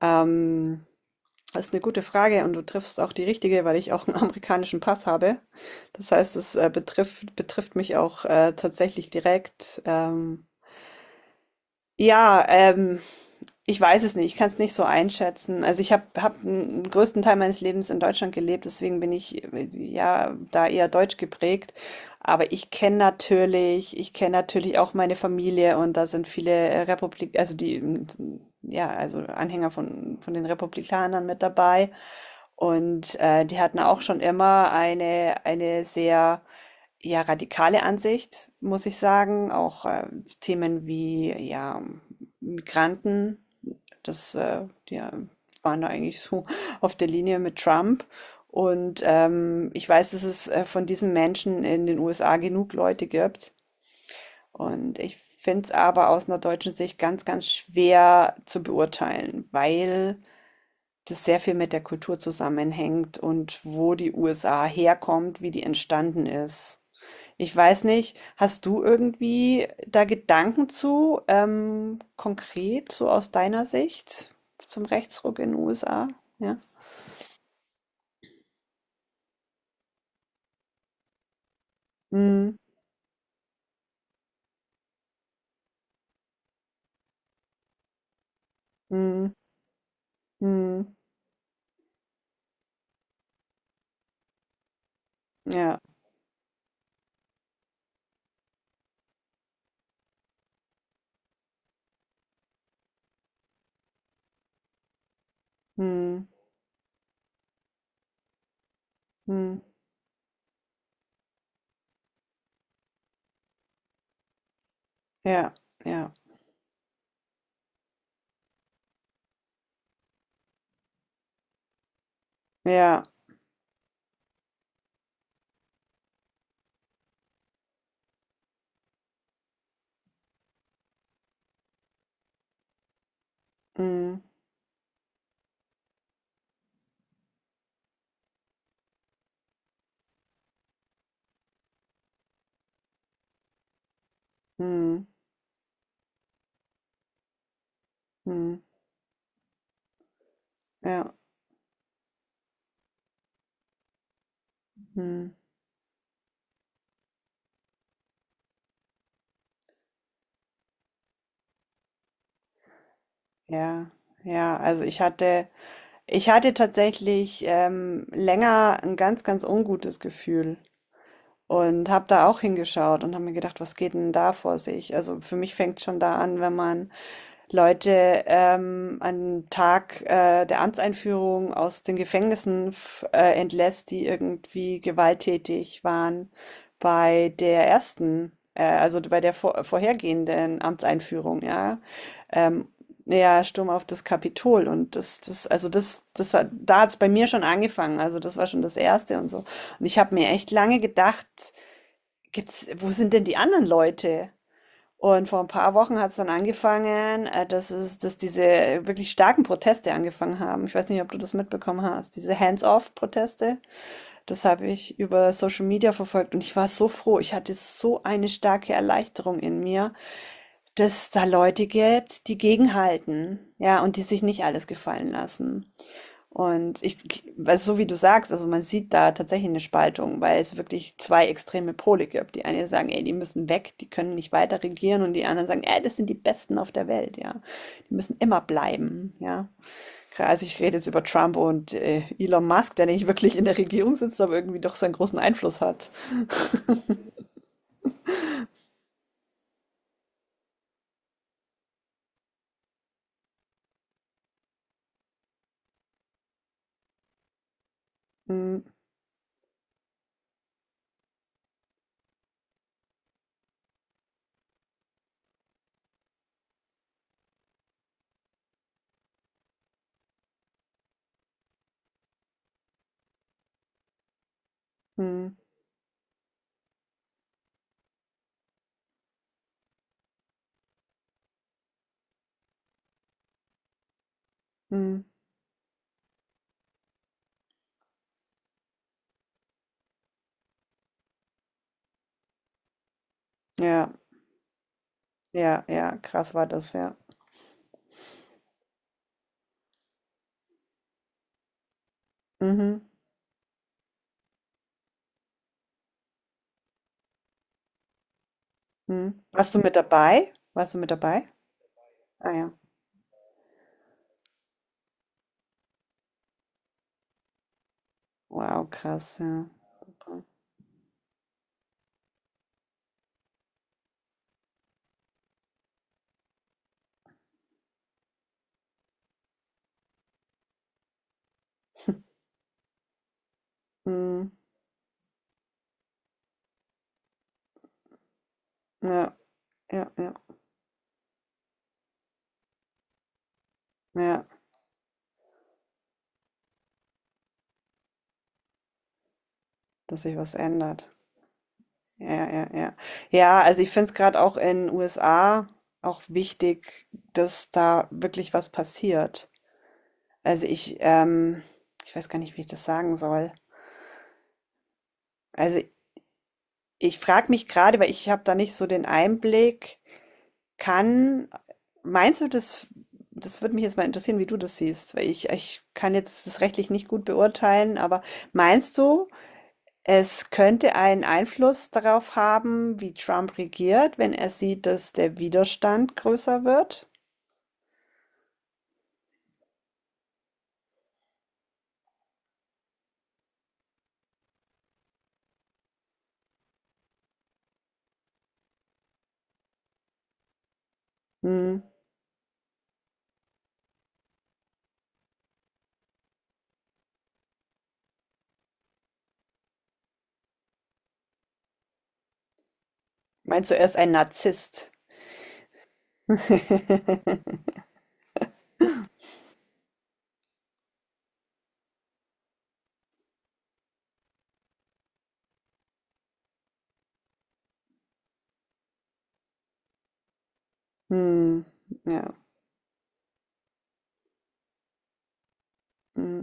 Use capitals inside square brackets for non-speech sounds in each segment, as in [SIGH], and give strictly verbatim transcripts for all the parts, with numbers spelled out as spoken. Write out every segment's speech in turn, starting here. Ähm, das ist eine gute Frage und du triffst auch die richtige, weil ich auch einen [LAUGHS] amerikanischen Pass habe. Das heißt, es, äh, betrifft betrifft mich auch, äh, tatsächlich direkt. Ähm, ja, ähm, ich weiß es nicht, ich kann es nicht so einschätzen. Also ich habe hab hab den größten Teil meines Lebens in Deutschland gelebt, deswegen bin ich äh, ja da eher deutsch geprägt. Aber ich kenne natürlich, ich kenne natürlich auch meine Familie und da sind viele äh, Republik, also die, ähm, ja, also Anhänger von, von den Republikanern mit dabei. Und äh, die hatten auch schon immer eine, eine sehr ja, radikale Ansicht, muss ich sagen. Auch äh, Themen wie ja, Migranten, das äh, ja, waren da eigentlich so [LAUGHS] auf der Linie mit Trump. Und ähm, ich weiß, dass es äh, von diesen Menschen in den U S A genug Leute gibt. Und ich finde es aber aus einer deutschen Sicht ganz, ganz schwer zu beurteilen, weil das sehr viel mit der Kultur zusammenhängt und wo die U S A herkommt, wie die entstanden ist. Ich weiß nicht, hast du irgendwie da Gedanken zu, ähm, konkret, so aus deiner Sicht zum Rechtsruck in den U S A? Ja. Hm, hm, hm, ja, hm, hm, ja, ja, ja, hm, hm, hm, ja, hm, ja, ja. Also ich hatte, ich hatte tatsächlich ähm, länger ein ganz, ganz ungutes Gefühl. Und habe da auch hingeschaut und habe mir gedacht, was geht denn da vor sich? Also für mich fängt schon da an, wenn man Leute ähm, an Tag äh, der Amtseinführung aus den Gefängnissen f- äh, entlässt, die irgendwie gewalttätig waren bei der ersten, äh, also bei der vor vorhergehenden Amtseinführung, ja. Ähm, ja, Sturm auf das Kapitol und das, das, also das, das hat, da hat's bei mir schon angefangen. Also das war schon das Erste und so. Und ich habe mir echt lange gedacht, gibt's, wo sind denn die anderen Leute? Und vor ein paar Wochen hat es dann angefangen, äh, dass es, dass diese wirklich starken Proteste angefangen haben. Ich weiß nicht, ob du das mitbekommen hast. Diese Hands-off-Proteste, das habe ich über Social Media verfolgt und ich war so froh. Ich hatte so eine starke Erleichterung in mir, dass es da Leute gibt, die gegenhalten, ja, und die sich nicht alles gefallen lassen. Und ich, also so wie du sagst, also man sieht da tatsächlich eine Spaltung, weil es wirklich zwei extreme Pole gibt. Die einen sagen, ey, die müssen weg, die können nicht weiter regieren, und die anderen sagen, ey, das sind die Besten auf der Welt, ja. Die müssen immer bleiben, ja. Also ich rede jetzt über Trump und äh, Elon Musk, der nicht wirklich in der Regierung sitzt, aber irgendwie doch seinen großen Einfluss hat. [LAUGHS] Mm, mm, mm. Ja, ja, ja, krass war das, ja. Mhm, mhm. Warst du mit dabei? Warst du mit dabei? Ah ja. Wow, krass, ja. Super. Mhm. Ja, ja, ja, ja, dass sich was ändert. Ja, ja, ja. Ja, Ja, also ich finde es gerade auch in U S A auch wichtig, dass da wirklich was passiert. Also ich, ähm, ich weiß gar nicht, wie ich das sagen soll. Also ich frage mich gerade, weil ich habe da nicht so den Einblick, kann, meinst du, das, das würde mich jetzt mal interessieren, wie du das siehst, weil ich, ich kann jetzt das rechtlich nicht gut beurteilen, aber meinst du, Es könnte einen Einfluss darauf haben, wie Trump regiert, wenn er sieht, dass der Widerstand größer wird. Hm. Meinst du, er ist ein Narzisst? [LAUGHS] Hm. Ja. Hm.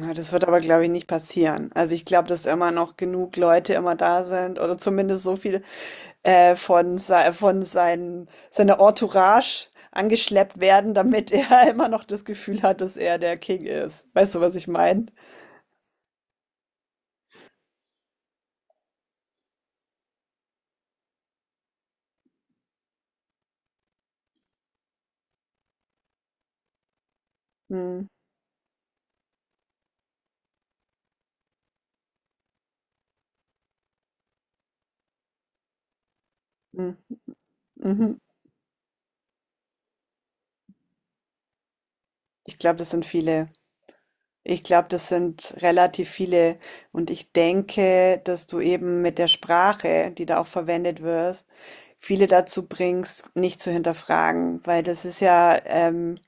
Ja, das wird aber, glaube ich, nicht passieren. Also ich glaube, dass immer noch genug Leute immer da sind oder zumindest so viel äh, von, sei- von sein, seiner Entourage angeschleppt werden, damit er [LAUGHS] immer noch das Gefühl hat, dass er der King ist. Weißt du, was ich meine? Hm. Hm. Mhm. Ich glaube, das sind viele. Ich glaube, das sind relativ viele. Und ich denke, dass du eben mit der Sprache, die da auch verwendet wirst, viele dazu bringst, nicht zu hinterfragen, weil das ist ja, ähm,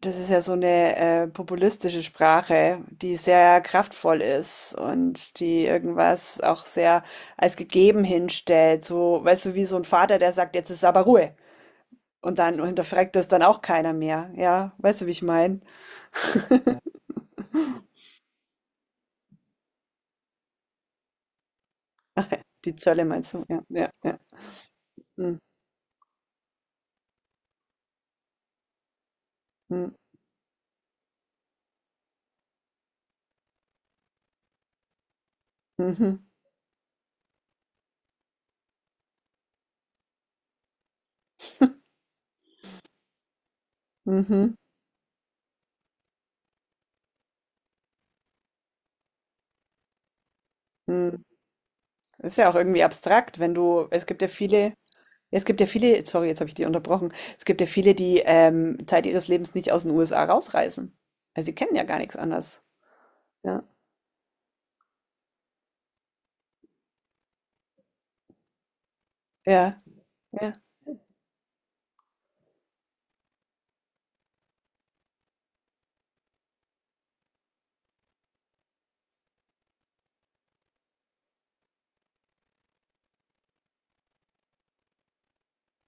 das ist ja so eine äh, populistische Sprache, die sehr kraftvoll ist und die irgendwas auch sehr als gegeben hinstellt. So, weißt du, wie so ein Vater, der sagt, jetzt ist aber Ruhe. Und dann hinterfragt das dann auch keiner mehr. Ja, weißt du, wie ich meine? Die Zölle meinst du? Ja, ja, ja. Mhm, mhm, mhm, mhm. mhm. Das ist ja auch irgendwie abstrakt, wenn du, es gibt ja viele, es gibt ja viele, sorry, jetzt habe ich dich unterbrochen, es gibt ja viele, die ähm, Zeit ihres Lebens nicht aus den U S A rausreisen. Also sie kennen ja gar nichts anderes. Ja, ja, ja,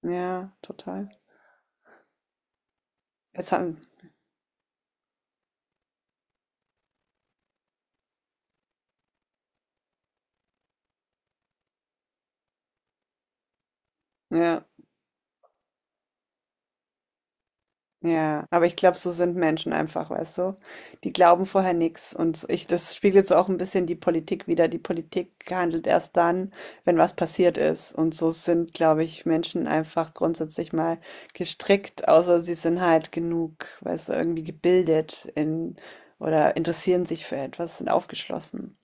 ja, total. Jetzt haben, ja. Ja, aber ich glaube, so sind Menschen einfach, weißt du? Die glauben vorher nichts und ich, das spiegelt so auch ein bisschen die Politik wider. Die Politik handelt erst dann, wenn was passiert ist. Und so sind, glaube ich, Menschen einfach grundsätzlich mal gestrickt, außer sie sind halt genug, weißt du, irgendwie gebildet in oder interessieren sich für etwas, sind aufgeschlossen.